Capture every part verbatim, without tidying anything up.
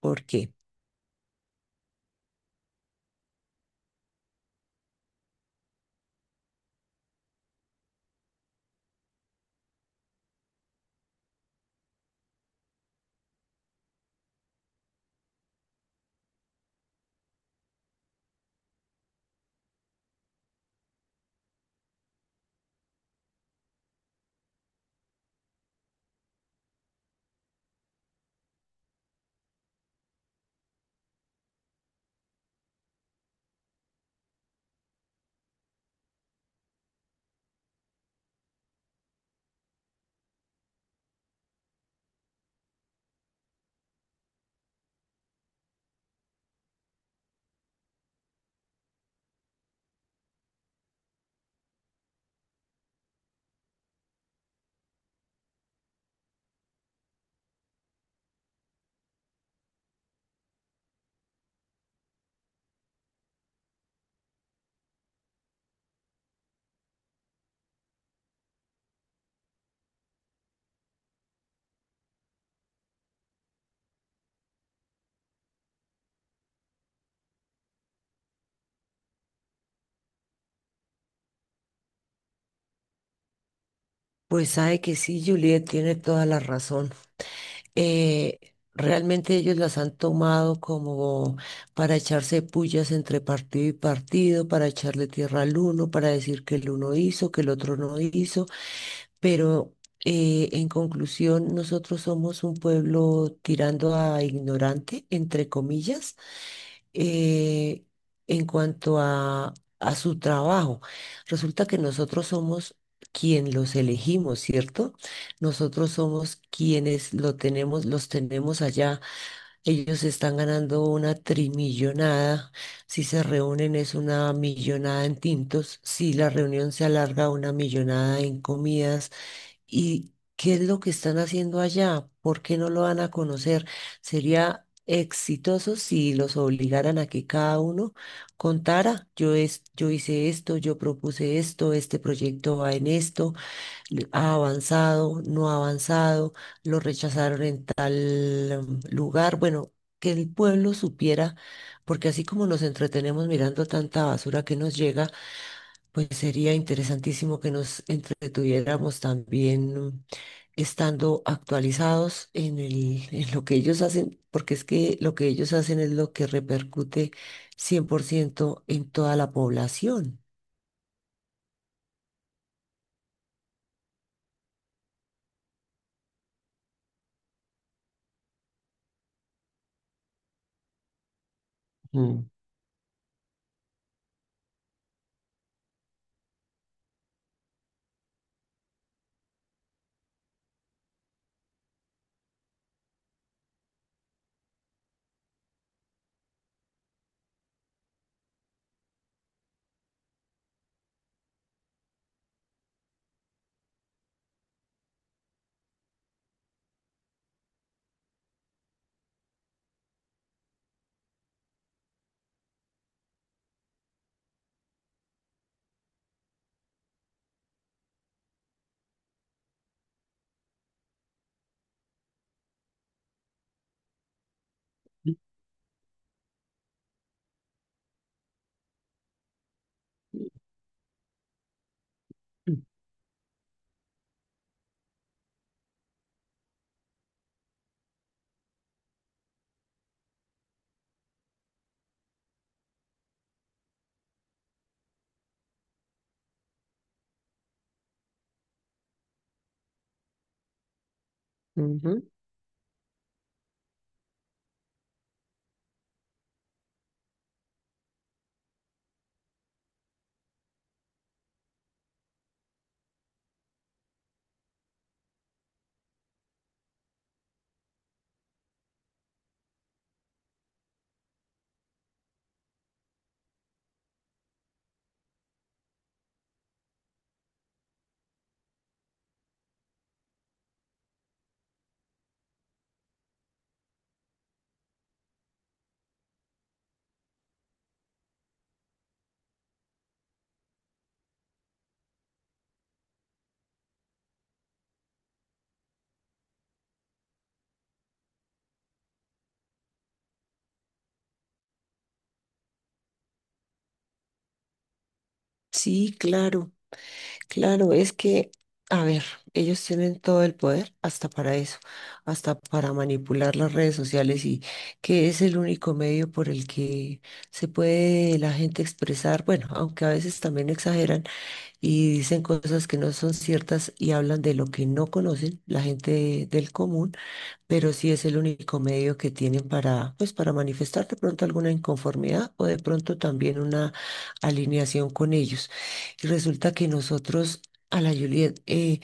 ¿Por qué? Pues sabe que sí, Juliet tiene toda la razón. Eh, Realmente ellos las han tomado como para echarse pullas entre partido y partido, para echarle tierra al uno, para decir que el uno hizo, que el otro no hizo. Pero eh, en conclusión, nosotros somos un pueblo tirando a ignorante, entre comillas, eh, en cuanto a, a su trabajo. Resulta que nosotros somos quien los elegimos, ¿cierto? Nosotros somos quienes lo tenemos, los tenemos allá. Ellos están ganando una trimillonada. Si se reúnen es una millonada en tintos. Si la reunión se alarga, una millonada en comidas. ¿Y qué es lo que están haciendo allá? ¿Por qué no lo van a conocer? Sería exitoso si los obligaran a que cada uno contara, yo, es, yo hice esto, yo propuse esto, este proyecto va en esto, le- ha avanzado, no ha avanzado, lo rechazaron en tal mm, lugar. Bueno, que el pueblo supiera, porque así como nos entretenemos mirando tanta basura que nos llega, pues sería interesantísimo que nos entretuviéramos también estando actualizados en el, en lo que ellos hacen, porque es que lo que ellos hacen es lo que repercute cien por ciento en toda la población. Mm. Ujú. Sí, claro. Claro, es que, a ver, ellos tienen todo el poder hasta para eso, hasta para manipular las redes sociales y que es el único medio por el que se puede la gente expresar, bueno, aunque a veces también exageran y dicen cosas que no son ciertas y hablan de lo que no conocen la gente del común, pero sí es el único medio que tienen para, pues, para manifestar de pronto alguna inconformidad o de pronto también una alineación con ellos. Y resulta que nosotros a la Juliet, eh,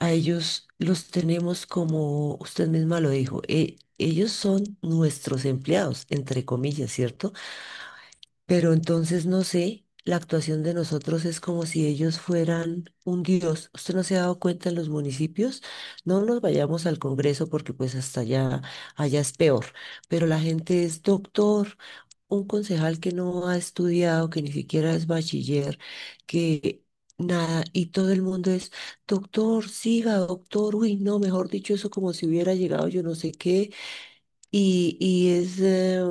a ellos los tenemos como usted misma lo dijo, eh, ellos son nuestros empleados, entre comillas, ¿cierto? Pero entonces no sé, la actuación de nosotros es como si ellos fueran un dios. ¿Usted no se ha dado cuenta en los municipios? No nos vayamos al Congreso porque pues hasta allá, allá es peor. Pero la gente es doctor, un concejal que no ha estudiado, que ni siquiera es bachiller, que nada, y todo el mundo es, doctor, siga, doctor, uy, no, mejor dicho, eso como si hubiera llegado yo no sé qué y, y es eh,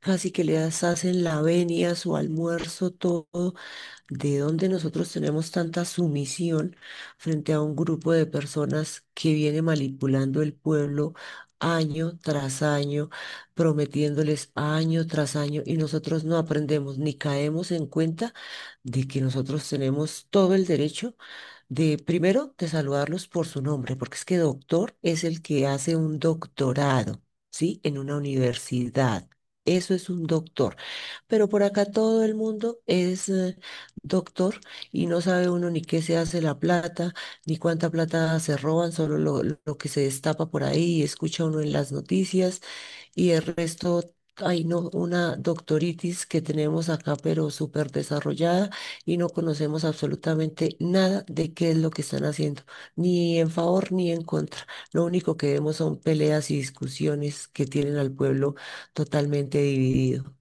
casi que les hacen la venia, su almuerzo, todo, de donde nosotros tenemos tanta sumisión frente a un grupo de personas que viene manipulando el pueblo año tras año, prometiéndoles año tras año, y nosotros no aprendemos ni caemos en cuenta de que nosotros tenemos todo el derecho de primero de saludarlos por su nombre, porque es que doctor es el que hace un doctorado, ¿sí? En una universidad. Eso es un doctor. Pero por acá todo el mundo es eh, doctor y no sabe uno ni qué se hace la plata, ni cuánta plata se roban, solo lo, lo que se destapa por ahí, escucha uno en las noticias y el resto, hay no, una doctoritis que tenemos acá, pero súper desarrollada y no conocemos absolutamente nada de qué es lo que están haciendo, ni en favor ni en contra. Lo único que vemos son peleas y discusiones que tienen al pueblo totalmente dividido.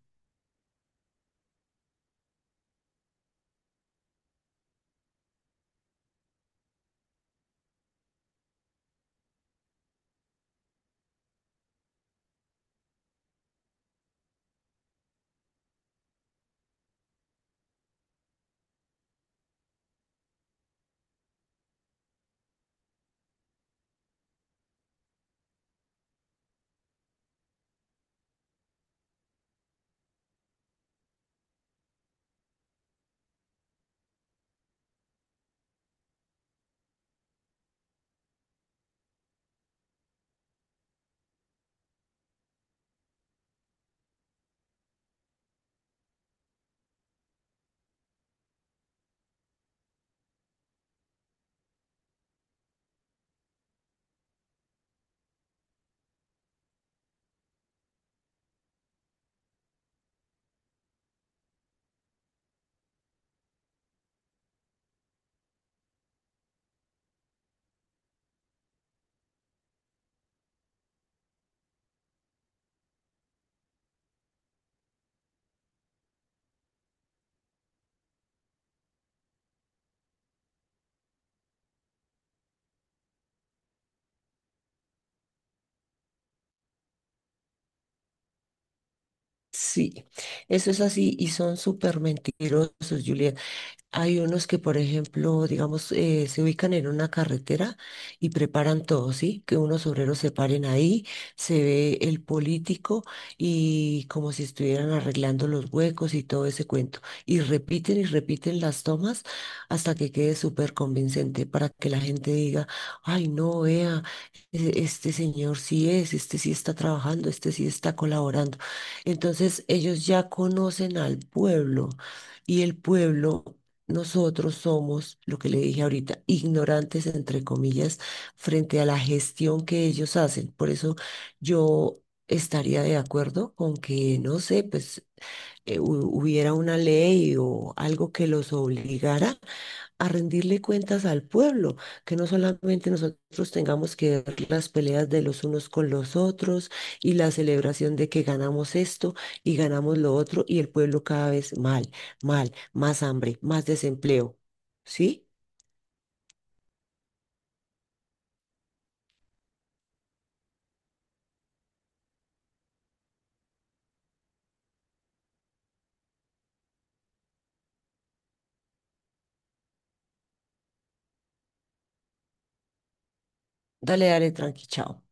Sí, eso es así y son súper mentirosos, Julieta. Hay unos que, por ejemplo, digamos, eh, se ubican en una carretera y preparan todo, ¿sí? Que unos obreros se paren ahí, se ve el político y como si estuvieran arreglando los huecos y todo ese cuento. Y repiten y repiten las tomas hasta que quede súper convincente para que la gente diga, ay, no, vea, e- este señor sí es, este sí está trabajando, este sí está colaborando. Entonces, ellos ya conocen al pueblo y el pueblo nosotros somos, lo que le dije ahorita, ignorantes, entre comillas, frente a la gestión que ellos hacen. Por eso yo estaría de acuerdo con que, no sé, pues eh, hu- hubiera una ley o algo que los obligara a rendirle cuentas al pueblo, que no solamente nosotros tengamos que ver las peleas de los unos con los otros y la celebración de que ganamos esto y ganamos lo otro y el pueblo cada vez mal, mal, más hambre, más desempleo. ¿Sí? Dale, dale, tranqui, chao.